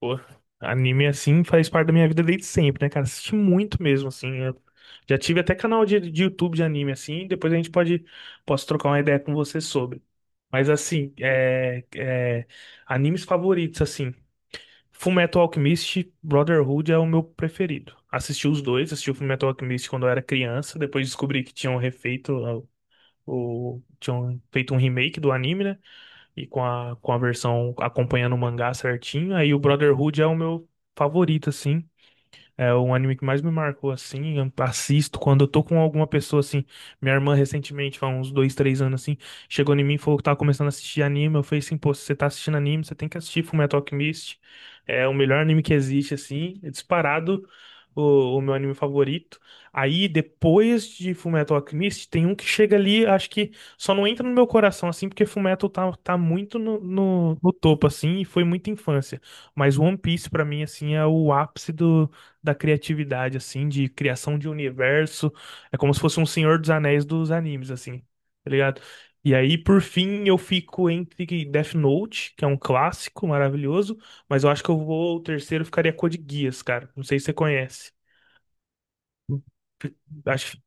Pô, anime assim faz parte da minha vida desde sempre, né, cara? Assisti muito mesmo, assim. Eu já tive até canal de YouTube de anime, assim. Depois a gente posso trocar uma ideia com você sobre. Mas, assim, animes favoritos, assim. Fullmetal Alchemist, Brotherhood é o meu preferido. Assisti os dois, assisti o Fullmetal Alchemist quando eu era criança. Depois descobri que tinham tinham feito um remake do anime, né? E com a versão acompanhando o mangá certinho. Aí o Brotherhood é o meu favorito, assim. É o anime que mais me marcou, assim, eu assisto quando eu tô com alguma pessoa, assim, minha irmã recentemente, há uns dois, três anos, assim, chegou em mim e falou que tava começando a assistir anime, eu falei assim, pô, se você tá assistindo anime, você tem que assistir Fullmetal Alchemist, é o melhor anime que existe, assim, é disparado o meu anime favorito. Aí, depois de Fullmetal Alchemist, tem um que chega ali, acho que só não entra no meu coração, assim, porque Fullmetal tá muito no topo, assim, e foi muita infância. Mas One Piece, pra mim, assim, é o ápice do da criatividade, assim, de criação de universo. É como se fosse um Senhor dos Anéis dos animes, assim, tá ligado? E aí, por fim, eu fico entre Death Note, que é um clássico maravilhoso, mas eu acho que o terceiro ficaria Code Geass, cara. Não sei se você conhece. Acho,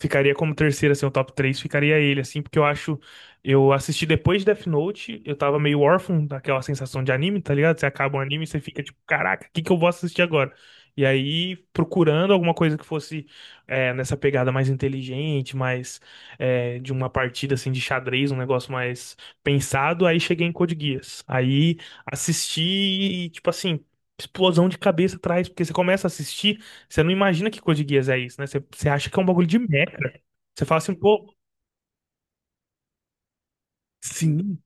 Ficaria como terceiro, assim, o top 3 ficaria ele, assim, porque eu acho. Eu assisti depois de Death Note, eu tava meio órfão daquela sensação de anime, tá ligado? Você acaba um anime e você fica tipo, caraca, o que que eu vou assistir agora? E aí, procurando alguma coisa que fosse nessa pegada mais inteligente, mais de uma partida assim de xadrez, um negócio mais pensado, aí cheguei em Code Geass. Aí assisti e, tipo assim, explosão de cabeça atrás, porque você começa a assistir. Você não imagina que Code Geass é isso, né? Você acha que é um bagulho de mecha. Você fala assim, pô, sim.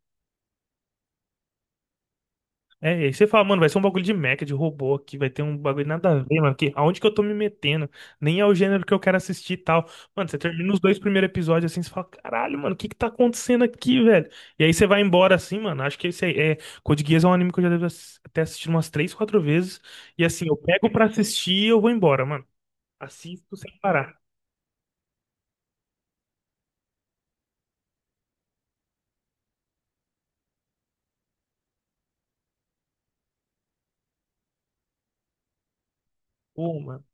É, e aí você fala, mano, vai ser um bagulho de mecha, de robô aqui, vai ter um bagulho nada a ver, mano, aonde que eu tô me metendo? Nem é o gênero que eu quero assistir e tal. Mano, você termina os dois primeiros episódios assim, você fala, caralho, mano, o que que tá acontecendo aqui, velho? E aí você vai embora assim, mano, acho que esse aí, Code Geass é um anime que eu já devo ter assistido umas três, quatro vezes, e assim, eu pego pra assistir e eu vou embora, mano. Assisto sem parar. Pô, mano,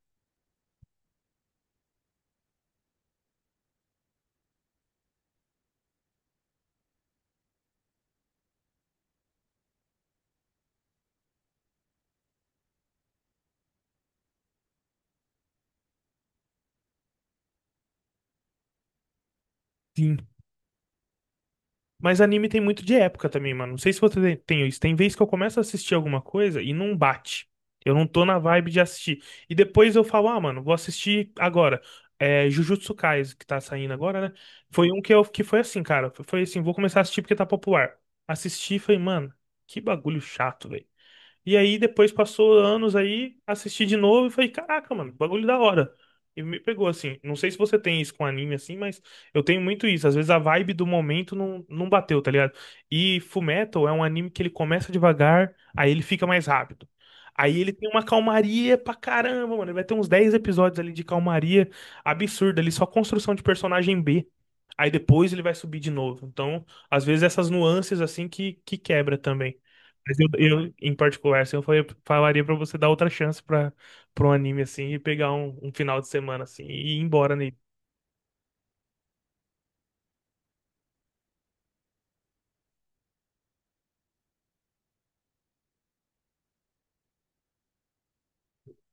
sim. Mas anime tem muito de época também, mano. Não sei se você tem isso. Tem vez que eu começo a assistir alguma coisa e não bate. Eu não tô na vibe de assistir. E depois eu falo, ah, mano, vou assistir agora. É, Jujutsu Kaisen, que tá saindo agora, né? Foi um que foi assim, cara. Foi assim, vou começar a assistir porque tá popular. Assisti e falei, mano, que bagulho chato, velho. E aí depois passou anos aí, assisti de novo e falei, caraca, mano, bagulho da hora. E me pegou assim. Não sei se você tem isso com anime assim, mas eu tenho muito isso. Às vezes a vibe do momento não bateu, tá ligado? E Fullmetal é um anime que ele começa devagar, aí ele fica mais rápido. Aí ele tem uma calmaria pra caramba, mano. Ele vai ter uns 10 episódios ali de calmaria absurda ali, só construção de personagem B. Aí depois ele vai subir de novo. Então, às vezes essas nuances assim que quebra também. Mas em particular, assim, falaria pra você dar outra chance para um anime assim e pegar um, um final de semana assim e ir embora nele.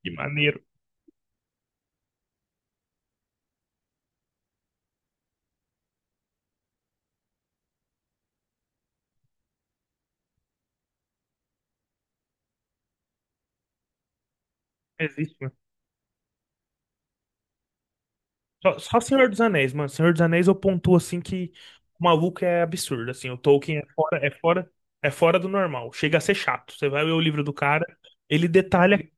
Que maneiro. Existe, né? Só Senhor dos Anéis, mano. Senhor dos Anéis eu pontuo assim que o maluco é absurdo, assim. O Tolkien é fora, é fora, é fora do normal. Chega a ser chato. Você vai ler o livro do cara, ele detalha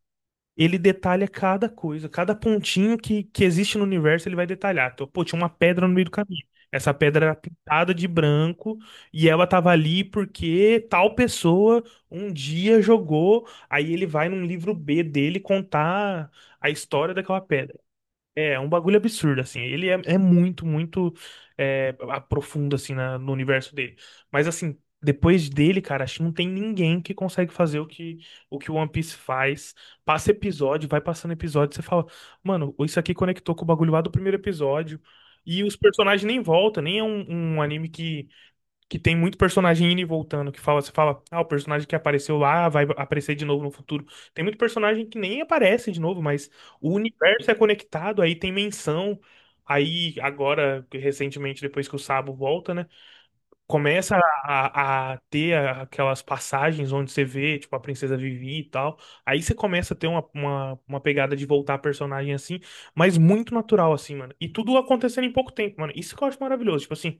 ele detalha cada coisa, cada pontinho que existe no universo, ele vai detalhar. Então, pô, tinha uma pedra no meio do caminho. Essa pedra era pintada de branco e ela tava ali porque tal pessoa um dia jogou. Aí ele vai num livro B dele contar a história daquela pedra. É um bagulho absurdo, assim. Ele é muito, muito aprofundo, assim, no universo dele. Mas, assim, depois dele, cara, acho que não tem ninguém que consegue fazer o que o One Piece faz. Passa episódio, vai passando episódio, você fala, mano, isso aqui conectou com o bagulho lá do primeiro episódio. E os personagens nem voltam, nem é um anime que tem muito personagem indo e voltando, que fala, você fala, ah, o personagem que apareceu lá vai aparecer de novo no futuro. Tem muito personagem que nem aparece de novo, mas o universo é conectado, aí tem menção. Aí, agora, recentemente, depois que o Sabo volta, né? Começa a ter aquelas passagens onde você vê, tipo, a Princesa Vivi e tal. Aí você começa a ter uma pegada de voltar a personagem assim, mas muito natural, assim, mano. E tudo acontecendo em pouco tempo, mano. Isso que eu acho maravilhoso. Tipo assim,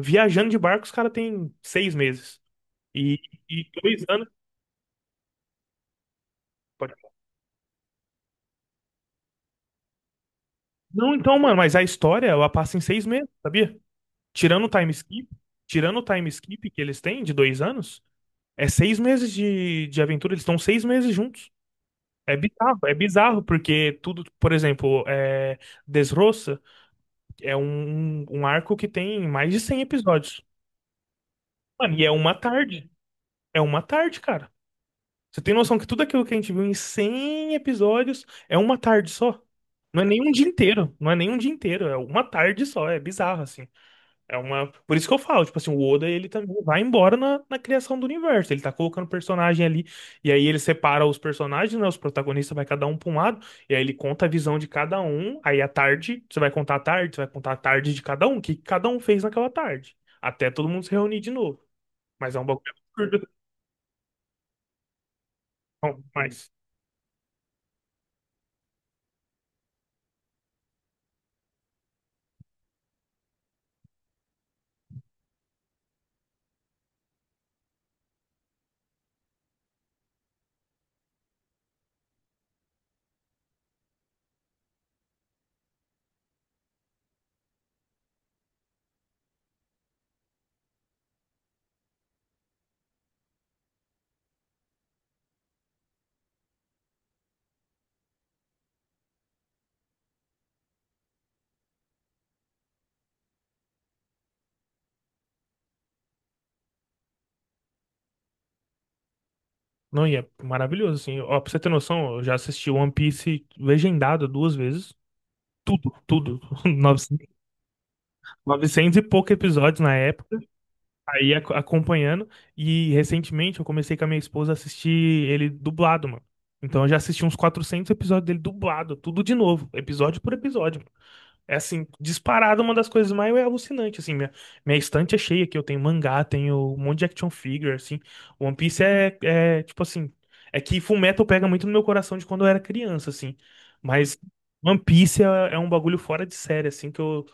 viajando de barco, os caras têm 6 meses. E, e 2 anos. pode- Não, então, mano, mas a história, ela passa em 6 meses, sabia? Tirando o time skip, tirando o time skip que eles têm de 2 anos, é 6 meses de aventura, eles estão 6 meses juntos. É bizarro, porque tudo, por exemplo, Dressrosa é um arco que tem mais de 100 episódios. Mano, e é uma tarde. É uma tarde, cara. Você tem noção que tudo aquilo que a gente viu em 100 episódios é uma tarde só? Não é nem um dia inteiro, não é nem um dia inteiro, é uma tarde só, é bizarro, assim. É uma. Por isso que eu falo, tipo assim, o Oda, ele também vai embora na criação do universo, ele tá colocando personagem ali, e aí ele separa os personagens, né, os protagonistas vai cada um pra um lado, e aí ele conta a visão de cada um, aí à tarde, você vai contar a tarde de cada um, o que cada um fez naquela tarde, até todo mundo se reunir de novo. Mas é um bagulho absurdo, não, mas. Não, e é maravilhoso, assim. Ó, pra você ter noção, eu já assisti One Piece legendado duas vezes. Tudo, tudo. 900 900 e poucos episódios na época. Aí acompanhando. E recentemente eu comecei com a minha esposa a assistir ele dublado, mano. Então eu já assisti uns 400 episódios dele dublado, tudo de novo, episódio por episódio. É assim, disparado uma das coisas mais alucinantes, assim, minha estante é cheia aqui, eu tenho mangá, tenho um monte de action figure, assim, One Piece é tipo assim, é que Fullmetal pega muito no meu coração de quando eu era criança, assim, mas One Piece é um bagulho fora de série, assim, que eu,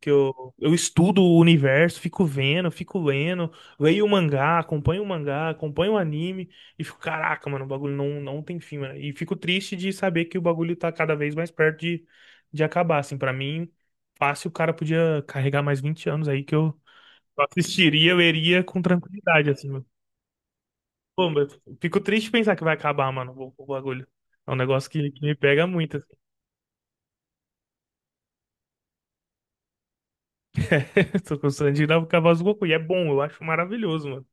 que eu, eu estudo o universo, fico vendo, fico lendo, leio o mangá, acompanho o mangá, acompanho o anime, e fico, caraca, mano, o bagulho não tem fim, mano, e fico triste de saber que o bagulho tá cada vez mais perto de acabar, assim, pra mim, fácil o cara podia carregar mais 20 anos aí que eu assistiria, eu iria com tranquilidade, assim, mano. Pô, mas eu fico triste pensar que vai acabar, mano, o bagulho. É um negócio que me pega muito, assim. Tô gostando de dar o cavalo do Goku. E é bom, eu acho maravilhoso, mano.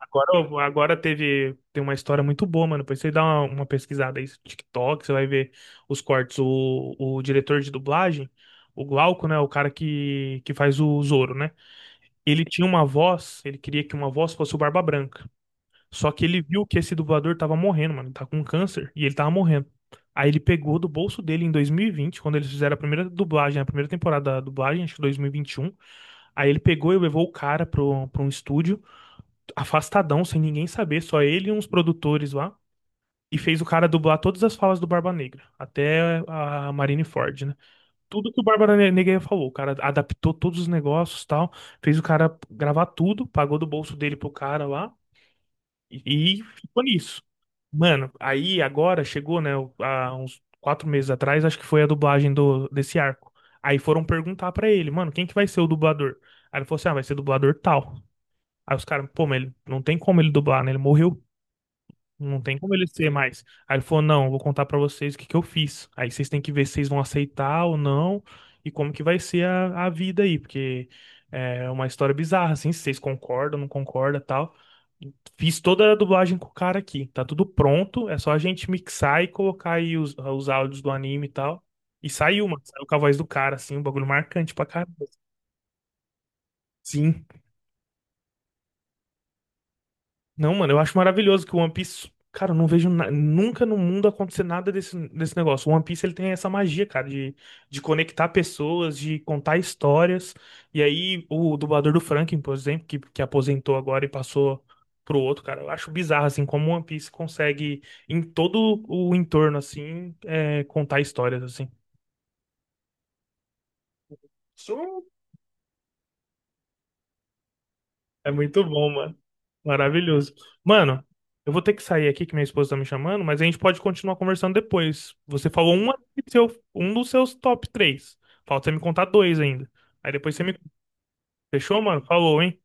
Agora, tem uma história muito boa, mano. Depois você dá uma pesquisada aí no TikTok, você vai ver os cortes. O diretor de dublagem, o Glauco, né? O cara que faz o Zoro, né? Ele tinha uma voz, ele queria que uma voz fosse o Barba Branca. Só que ele viu que esse dublador tava morrendo, mano. Ele tá com câncer e ele tava morrendo. Aí ele pegou do bolso dele em 2020, quando eles fizeram a primeira dublagem, a primeira temporada da dublagem, acho que 2021. Aí ele pegou e levou o cara pra um estúdio, afastadão, sem ninguém saber, só ele e uns produtores lá. E fez o cara dublar todas as falas do Barba Negra, até a Marine Ford, né? Tudo que o Nogueira falou. O cara adaptou todos os negócios, tal, fez o cara gravar tudo, pagou do bolso dele pro cara lá e ficou nisso. Mano, aí agora chegou, né, há uns 4 meses atrás, acho que foi a dublagem do desse arco. Aí foram perguntar pra ele, mano, quem que vai ser o dublador? Aí ele falou assim, ah, vai ser dublador tal. Aí os caras, pô, mas ele, não tem como ele dublar, né? Ele morreu. Não tem como ele ser mais. Aí ele falou: Não, eu vou contar pra vocês o que que eu fiz. Aí vocês têm que ver se vocês vão aceitar ou não e como que vai ser a vida aí, porque é uma história bizarra, assim, se vocês concordam, não concordam tal. Fiz toda a dublagem com o cara aqui, tá tudo pronto, é só a gente mixar e colocar aí os áudios do anime e tal. E saiu, mano, saiu com a voz do cara, assim, um bagulho marcante pra caramba. Sim. Não, mano, eu acho maravilhoso que o One Piece. Cara, eu não vejo nunca no mundo acontecer nada desse negócio. O One Piece ele tem essa magia, cara, de conectar pessoas, de contar histórias. E aí, o dublador do Franklin, por exemplo, que aposentou agora e passou pro outro, cara, eu acho bizarro, assim, como o One Piece consegue, em todo o entorno, assim, contar histórias, assim. É muito bom, mano. Maravilhoso. Mano, eu vou ter que sair aqui que minha esposa tá me chamando, mas a gente pode continuar conversando depois. Você falou um, aqui do seu, um dos seus top três. Falta você me contar dois ainda. Aí depois você me. Fechou, mano? Falou, hein?